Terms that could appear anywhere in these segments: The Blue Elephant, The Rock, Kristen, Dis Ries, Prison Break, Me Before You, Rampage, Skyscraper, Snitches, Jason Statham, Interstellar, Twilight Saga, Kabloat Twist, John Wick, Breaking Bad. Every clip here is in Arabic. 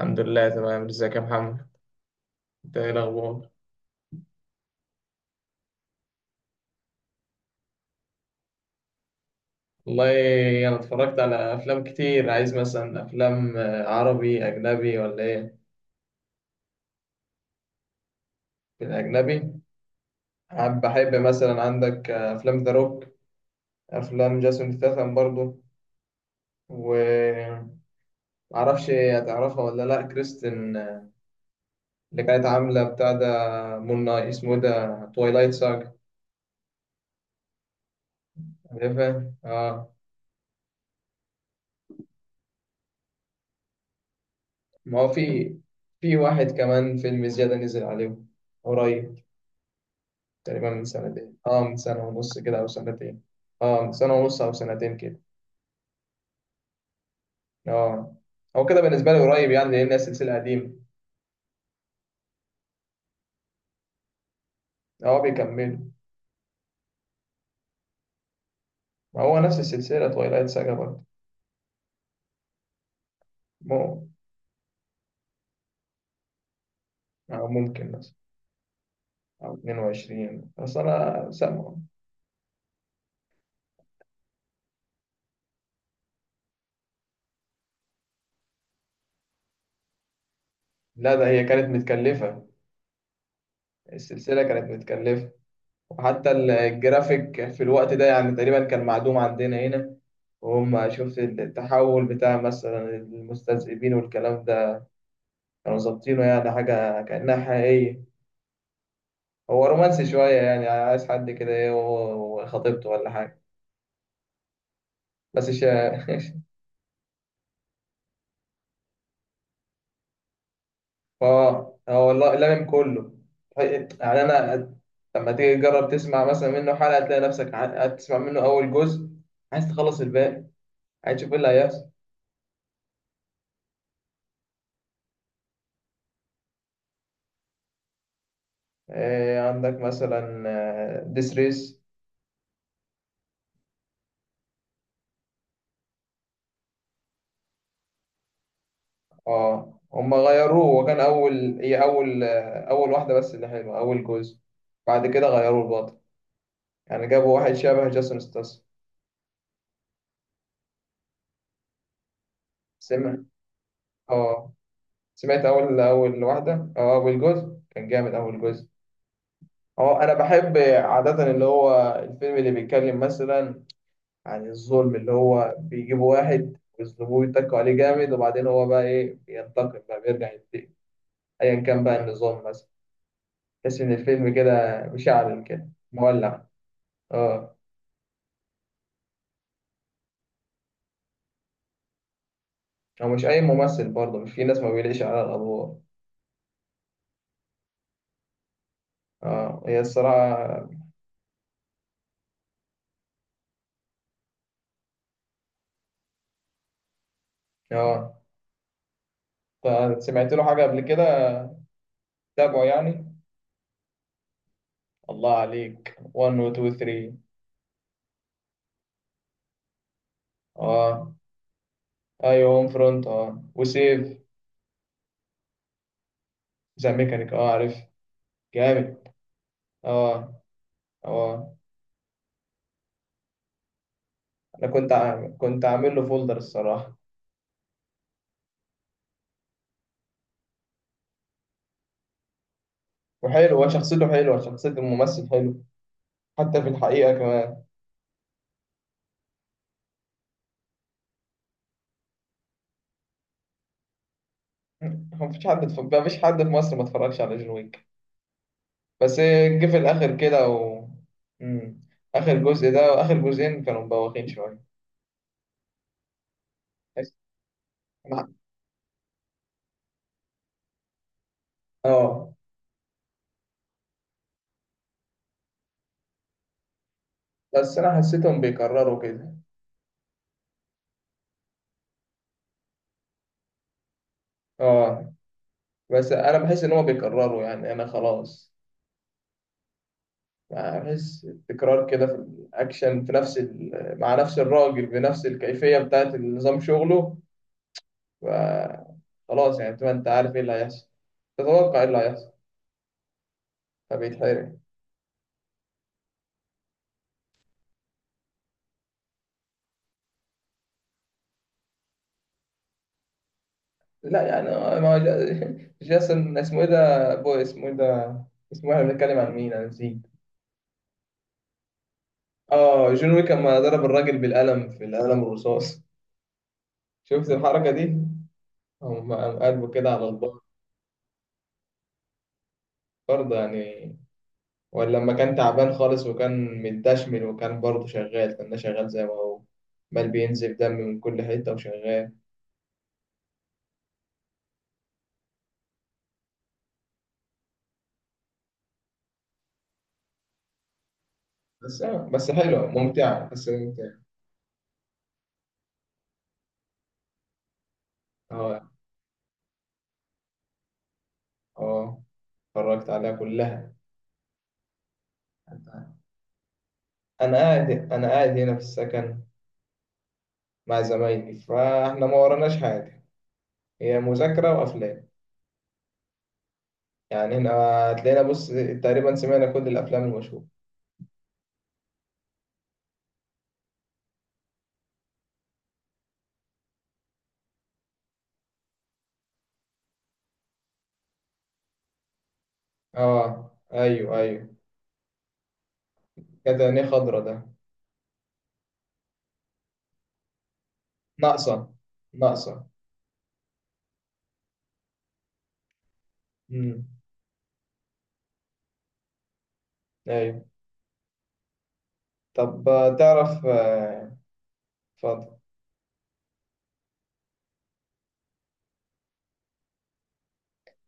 الحمد لله، تمام. ازيك يا محمد؟ انت ايه الاخبار؟ والله، انا اتفرجت على افلام كتير. عايز مثلا افلام عربي اجنبي ولا ايه؟ في الاجنبي. بحب مثلا عندك افلام ذا روك. افلام جاسون ستاثام برضو. ومعرفش هتعرفها ولا لا. كريستن، اللي كانت عامله بتاع ده، مون نايت، اسمه إيه ده، تويلايت ساج. عارفها، اه. ما هو في واحد كمان فيلم زياده نزل عليه قريب، تقريبا من سنتين، من سنة ونص كده أو سنتين. اه، من سنة ونص أو سنتين كده. اه، هو كده بالنسبة لي قريب، يعني لأن هي سلسلة قديمة. اه، بيكملوا. ما هو نفس السلسلة تويلايت ساجا برضه. مو، أو ممكن مثلا، أو 22، بس أنا سامع. لا، ده هي كانت متكلفة. السلسلة كانت متكلفة. وحتى الجرافيك في الوقت ده يعني تقريبا كان معدوم عندنا هنا. وهم شفت التحول بتاع مثلا المستذئبين والكلام ده، كانوا ظابطينه يعني حاجة كأنها حقيقية. هو رومانسي شوية، يعني عايز حد كده إيه وخطيبته ولا حاجة، بس مش هو لامم كله يعني. أنا لما تيجي تجرب تسمع مثلا منه حلقة، تلاقي نفسك تسمع منه أول جزء، عايز تخلص الباقي، عايز تشوف إيه اللي هيحصل. إيه عندك مثلا ديس ريس. اه، هما غيروه. وكان أول، هي أول أول واحدة بس اللي حلوة، أول جزء. بعد كده غيروه البطل، يعني جابوا واحد شبه جاسون ستاس. سمع. اه، سمعت اول واحده، اول جزء كان جامد، اول جزء. اه، انا بحب عاده اللي هو الفيلم اللي بيتكلم مثلا عن الظلم، اللي هو بيجيبوا واحد ويظلموه ويتكوا عليه جامد، وبعدين هو بقى ايه، بينتقم بقى، بيرجع ينتقم ايا كان بقى النظام مثلا. تحس ان الفيلم كده مشعل كده، مولع. اه، هو مش اي ممثل برضه، مش في ناس ما بيليقش على الادوار. اه، هي الصراحه. اه، سمعت له حاجه قبل كده، تابعه يعني. الله عليك 1 و 2 3. اه، ايوه هوم فرونت، وسيف. ذا ميكانيك، اه، عارف. جامد. اه. اه، انا كنت عامل له فولدر الصراحه. وحلو، وشخصيته حلوه، شخصيه الممثل حلو، حتى في الحقيقه كمان. مفيش حد في مصر ما اتفرجش على جون ويك. بس جه في الاخر كده و. مم. اخر جزء ده واخر جزئين كانوا مبوخين شويه. بس- اه، بس انا حسيتهم بيكرروا كده. اه، بس انا بحس ان هو بيكرره، يعني انا خلاص. يعني بحس التكرار كده في الاكشن، مع نفس الراجل بنفس الكيفيه بتاعت نظام شغله. ف- خلاص، يعني تبقى انت عارف ايه اللي هيحصل، تتوقع ايه اللي هيحصل، فبيتحرق. لا يعني. ما هو جاسون، اسمه ايه ده، اسمه ايه ده، اسمه إيه؟ احنا بنتكلم عن مين، انا نسيت. اه، جون ويك لما ضرب الراجل بالقلم، في القلم الرصاص، شفت الحركه دي؟ قام قلبه كده على البار برضه يعني. ولا لما كان تعبان خالص وكان متدشمل وكان برضه شغال، كان ده شغال زي ما هو، بل بينزف دم من كل حتة وشغال. بس حلوة ممتعة، بس ممتعة. اه. اه، اتفرجت عليها كلها. أنا قاعد هنا في السكن مع زمايلي، فاحنا ما وراناش حاجة، هي مذاكرة وأفلام يعني. هنا هتلاقينا. بص، تقريبا سمعنا كل الأفلام المشهورة. اه، أيوه أيوه. كانت عينيه خضرا ده. ناقصة، ناقصة. امم. أيوه. طب، تعرف، اتفضل.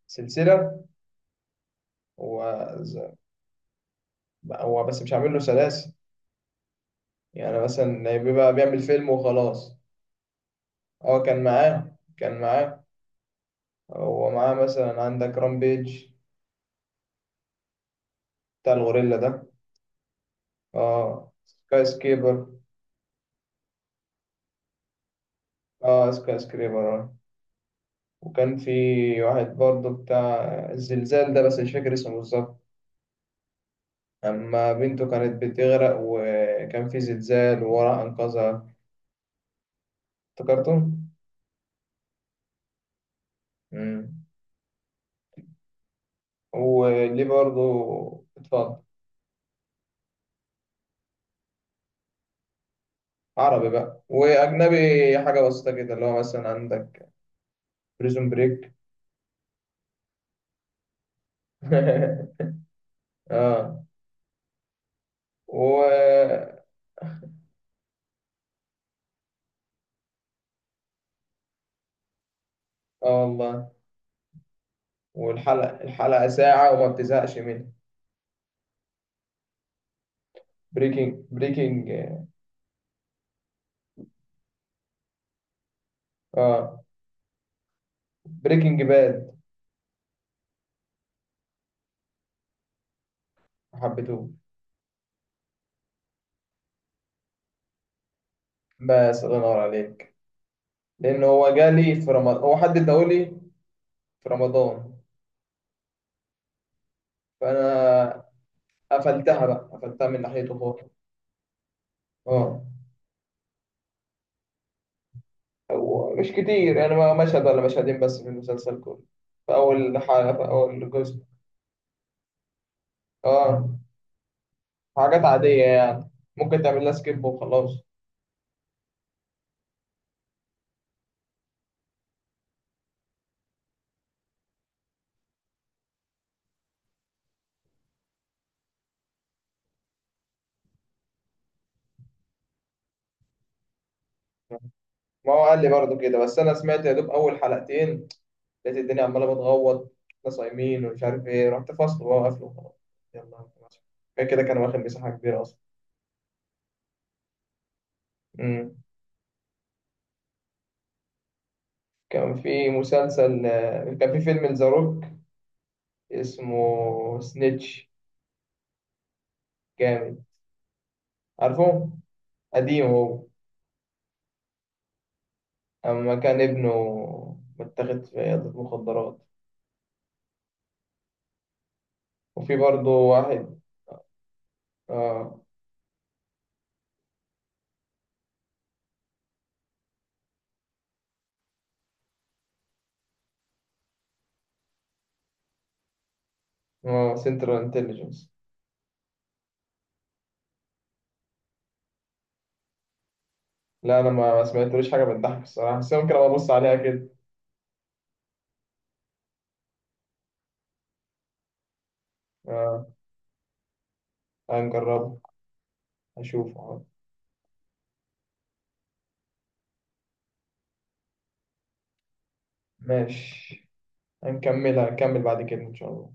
سلسلة. هو ز- هو بس مش عامل له سلاسل، يعني مثلا بيبقى بيعمل فيلم وخلاص. هو كان معاه. هو معاه مثلا عندك رامبيج، بتاع الغوريلا ده. اه، سكاي سكيبر. اه، سكاي سكريبر. اه، وكان في واحد برضه بتاع الزلزال ده، بس مش فاكر اسمه بالظبط. أما بنته كانت بتغرق وكان في زلزال وراح أنقذها. افتكرته؟ مم. وليه برضه. اتفضل. عربي بقى واجنبي، حاجه بسيطه كده اللي هو مثلا عندك بريزون بريك. اه. و. اه، والله. والحلقه ساعه وما بتزهقش منها. بريكنج. اه، بريكنج باد. حبيته. بس الله ينور عليك، لان هو جالي في رمضان، هو حد اداهولي في رمضان، فانا قفلتها من ناحيته خالص. اه. مش كتير يعني، مشهد ولا مشهدين بس في المسلسل كله، في أول حلقة في أول جزء. اه. حاجات عادية يعني، ممكن تعمل لها سكيب وخلاص. ما هو قال لي برضه كده، بس أنا سمعت يا دوب أول حلقتين، لقيت الدنيا عمالة بتغوط. احنا صايمين ومش عارف إيه، رحت فصل بقى وقفل وخلاص. يلا انت ماشي. كده كده كان واخد مساحة كبيرة أصلا. مم. كان في فيلم لذا روك اسمه سنيتش، جامد. عارفه. قديم هو. أما كان ابنه متاخد في عيادة مخدرات، وفي برضه واحد. آه، آه، سنترال انتليجنس. لا، أنا ما سمعتلوش حاجة بتضحك الصراحة، بس ممكن أبقى أبص عليها كده. آه. هنجربه، هشوفه. ماشي. هنكمل بعد كده إن شاء الله.